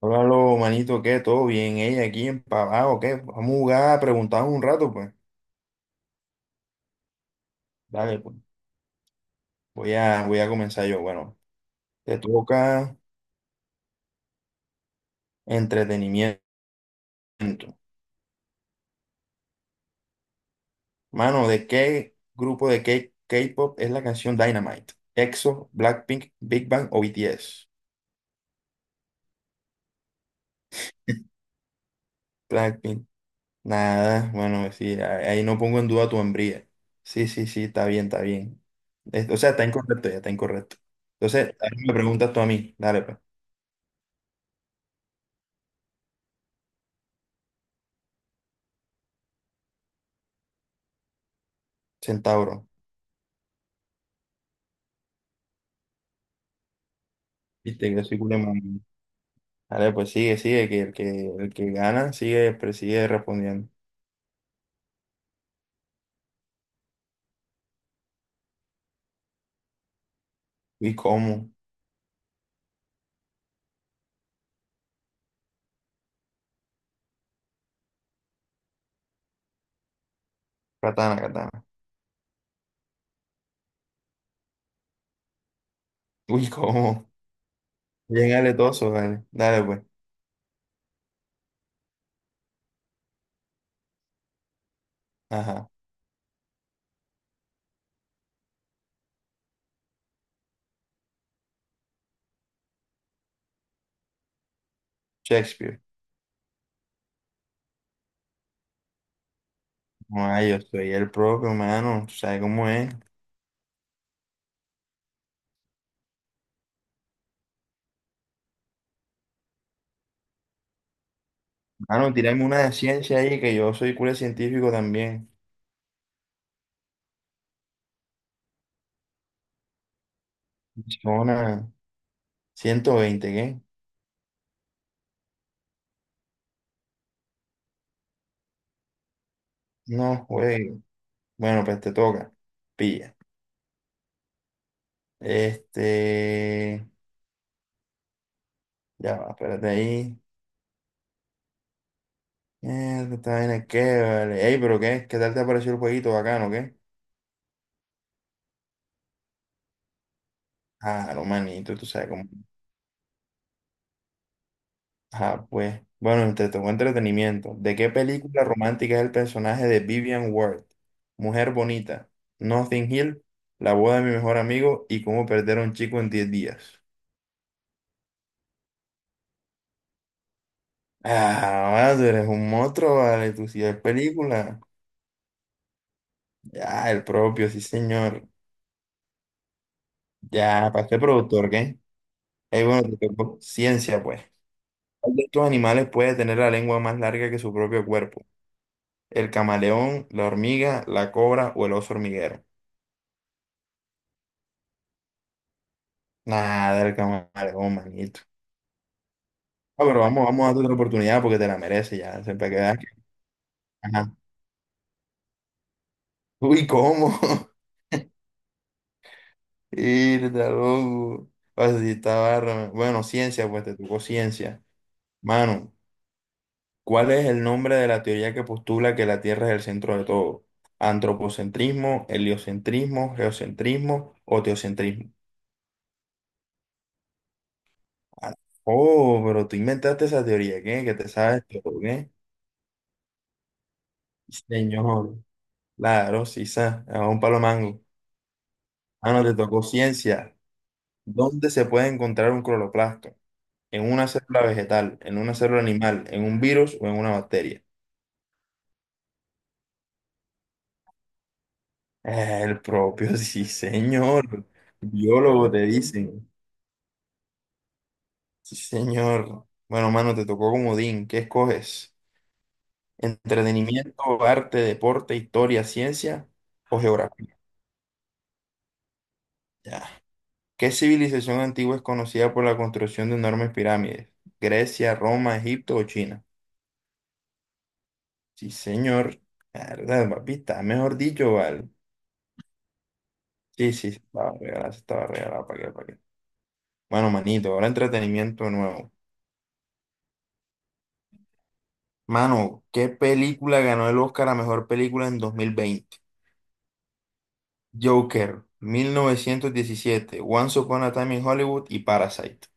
Hola, lo manito, ¿qué? ¿Todo bien? Ella aquí en empavado, ¿qué? Vamos a jugar, a preguntar un rato, pues. Dale, pues. Voy a comenzar yo. Bueno, te toca entretenimiento. Mano, ¿de qué grupo de K-pop es la canción Dynamite? ¿EXO, Blackpink, Big Bang o BTS? Blackpink. Nada, bueno, sí, ahí ahí no pongo en duda tu hombría. Sí, sí, sí, está bien, está bien. O sea, está incorrecto, ya está incorrecto. Entonces, ahora me preguntas tú a mí. Dale, pues. Centauro. Viste que soy culemón. Dale, pues sigue, sigue, que el que gana sigue, sigue respondiendo. Uy, cómo. Katana, katana. Uy, cómo. Bien aletoso, dale. Dale, pues. Ajá. Shakespeare. Ay, yo soy el propio, mano. ¿Tú sabes cómo es? Mano, tirame una de ciencia ahí, que yo soy cura científico también. Zona 120, ¿qué? No, güey. Bueno, pues te toca. Pilla. Este. Ya va, espérate ahí. Mierda, esta vaina es que, vale. Ey, pero qué, ¿qué tal te pareció el jueguito bacano, qué? Ah, no, manito, tú sabes cómo. Ah, pues. Bueno, entre tocó entretenimiento. ¿De qué película romántica es el personaje de Vivian Ward? Mujer bonita, Nothing Hill, La boda de mi mejor amigo y Cómo perder a un chico en 10 días. Ah, vale, tú eres un monstruo, vale, tú sí ves película. Ya, el propio, sí, señor. Ya, ¿para qué productor, qué? Ey, bueno, te tocó ciencia, pues. ¿Cuál de estos animales puede tener la lengua más larga que su propio cuerpo? ¿El camaleón, la hormiga, la cobra o el oso hormiguero? Nada, el camaleón, manito. Ah, pero vamos, vamos a darte otra oportunidad porque te la mereces ya. Siempre que veas que... Ajá. Uy, ¿cómo? Irda, loco. O sea, sí está barra. Bueno, ciencia, pues te tocó ciencia. Mano, ¿cuál es el nombre de la teoría que postula que la Tierra es el centro de todo? ¿Antropocentrismo, heliocentrismo, geocentrismo o teocentrismo? Ah, oh, pero tú inventaste esa teoría, ¿qué? Que te sabes todo, ¿qué? Señor, claro, sí, a un palo mango. Ah, no, te tocó ciencia. ¿Dónde se puede encontrar un cloroplasto? ¿En una célula vegetal, en una célula animal, en un virus o en una bacteria? El propio, sí, señor. Biólogo te dicen. Sí, señor. Bueno, mano, te tocó comodín. ¿Qué escoges? ¿Entretenimiento, arte, deporte, historia, ciencia o geografía? Ya. ¿Qué civilización antigua es conocida por la construcción de enormes pirámides? ¿Grecia, Roma, Egipto o China? Sí, señor. Verdad, papi, está mejor dicho, vale. Sí, sí, se estaba regalada, ¿para qué, para qué? Bueno, manito, ahora entretenimiento nuevo. Mano, ¿qué película ganó el Oscar a mejor película en 2020? Joker, 1917, Once Upon a Time in Hollywood y Parasite.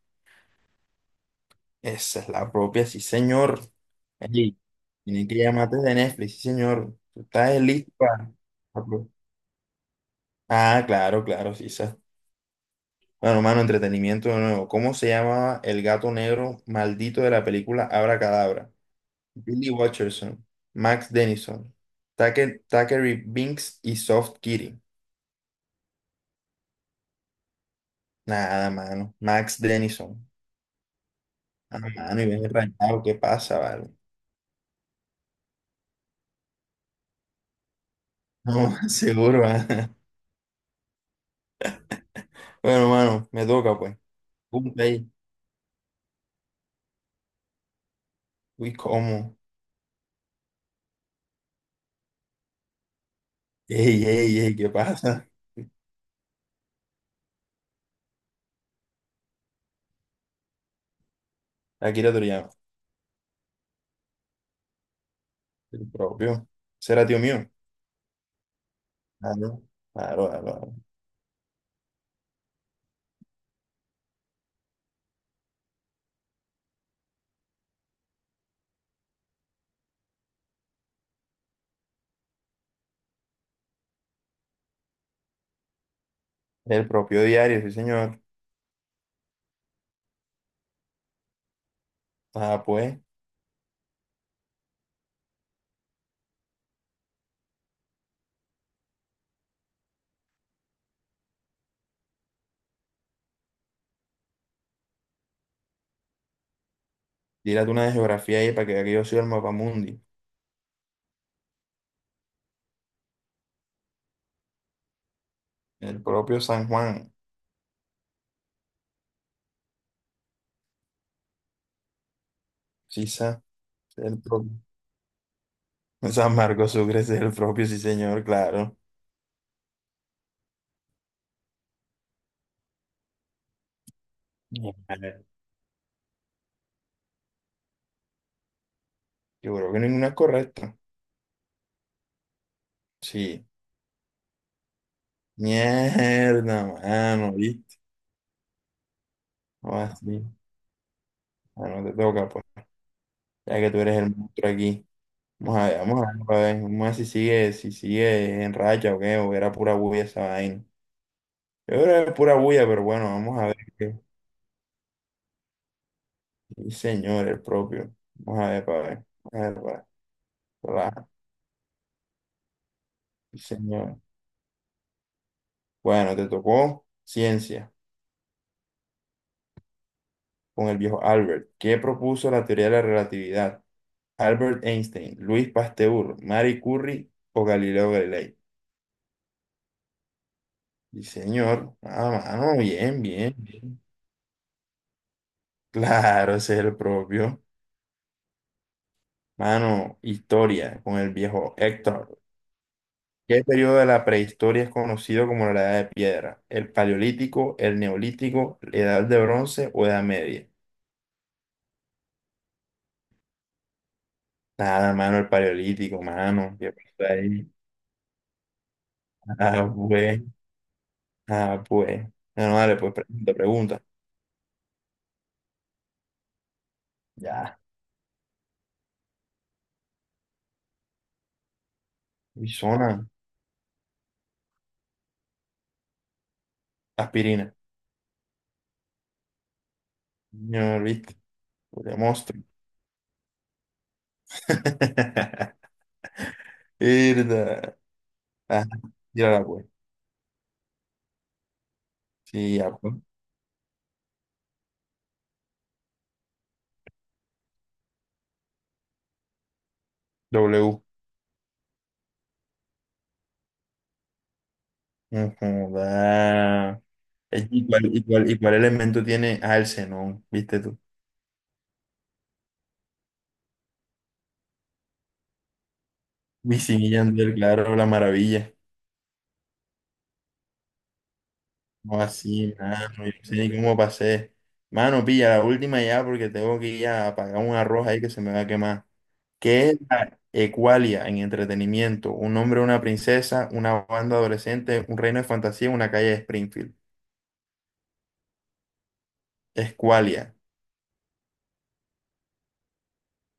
Esa es la propia, sí, señor. Ey, tienen que llamarte de Netflix, sí, señor. Tú estás listo para pro- Ah, claro, claro, sí, esa. Bueno, mano, entretenimiento de nuevo. ¿Cómo se llamaba el gato negro maldito de la película Abracadabra? Billy Watcherson, Max Dennison, Tucker, Thackeray Binks y Soft Kitty. Nada, mano. Max Dennison. Ah, mano, y ven rayado, ¿qué pasa, vale? No, seguro. Ah. Bueno, mano, me toca, pues. Punto ahí. Uy, ¿cómo? Ey, ey, ey, ¿qué pasa? Akira Toriyama, el propio. ¿Será tío mío? Claro, claro, claro. Claro. El propio diario, sí, señor. Ah, pues, tírate una de geografía ahí para que vea que yo soy el mapamundi. El propio San Juan, sí, el propio. San Marcos Sucre es el propio, sí, señor, claro. Mierda. Yo creo que ninguna es correcta. Sí. Mierda, mano, ¿viste? Ah, sí. Ah, no te toca, pues, ya que tú eres el monstruo aquí. Vamos a ver, pa' ver, vamos a ver si sigue, si sigue en racha o qué, o era pura bulla esa vaina. Yo creo que era pura bulla, pero bueno, vamos a ver qué. Sí, señor, el propio. Vamos a ver, para ver. Vamos a ver, pa' ver. Relaja. Sí, señor. Bueno, te tocó ciencia con el viejo Albert. ¿Qué propuso la teoría de la relatividad? Albert Einstein, Luis Pasteur, Marie Curie o Galileo Galilei. Sí, señor. Ah, mano, bien, bien, bien. Claro, ese es el propio. Mano, historia con el viejo Héctor. ¿Qué periodo de la prehistoria es conocido como la Edad de Piedra? ¿El Paleolítico, el Neolítico, la Edad de Bronce o Edad Media? Nada, mano, el Paleolítico, mano. ¿Qué pasó ahí? Ah, pues, ah, pues. Bueno, dale, pues pregunta, pregunta. Ya. Y zona, aspirina. No, viste, de monstruo. Irda. Ah, tírala, pues. Sí, ya, pues. W. Ujú, da. ¿Es igual igual igual y elemento tiene? Ah, el xenón, ¿viste tú? Wisin y sí, Yandel, claro, la maravilla. No así, nada, no yo no sé ni cómo pasé. Mano, pilla la última ya porque tengo que ir a apagar un arroz ahí que se me va a quemar. ¿Qué es la Ecualia en entretenimiento? Un hombre, una princesa, una banda adolescente, un reino de fantasía, una calle de Springfield. Escualia.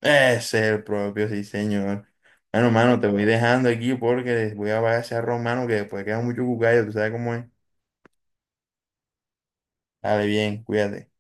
Ese es el propio, sí, señor. Bueno, mano, te voy dejando aquí porque voy a apagar ese arroz, mano, que después queda mucho cucayo, tú sabes cómo es. Dale, bien, cuídate.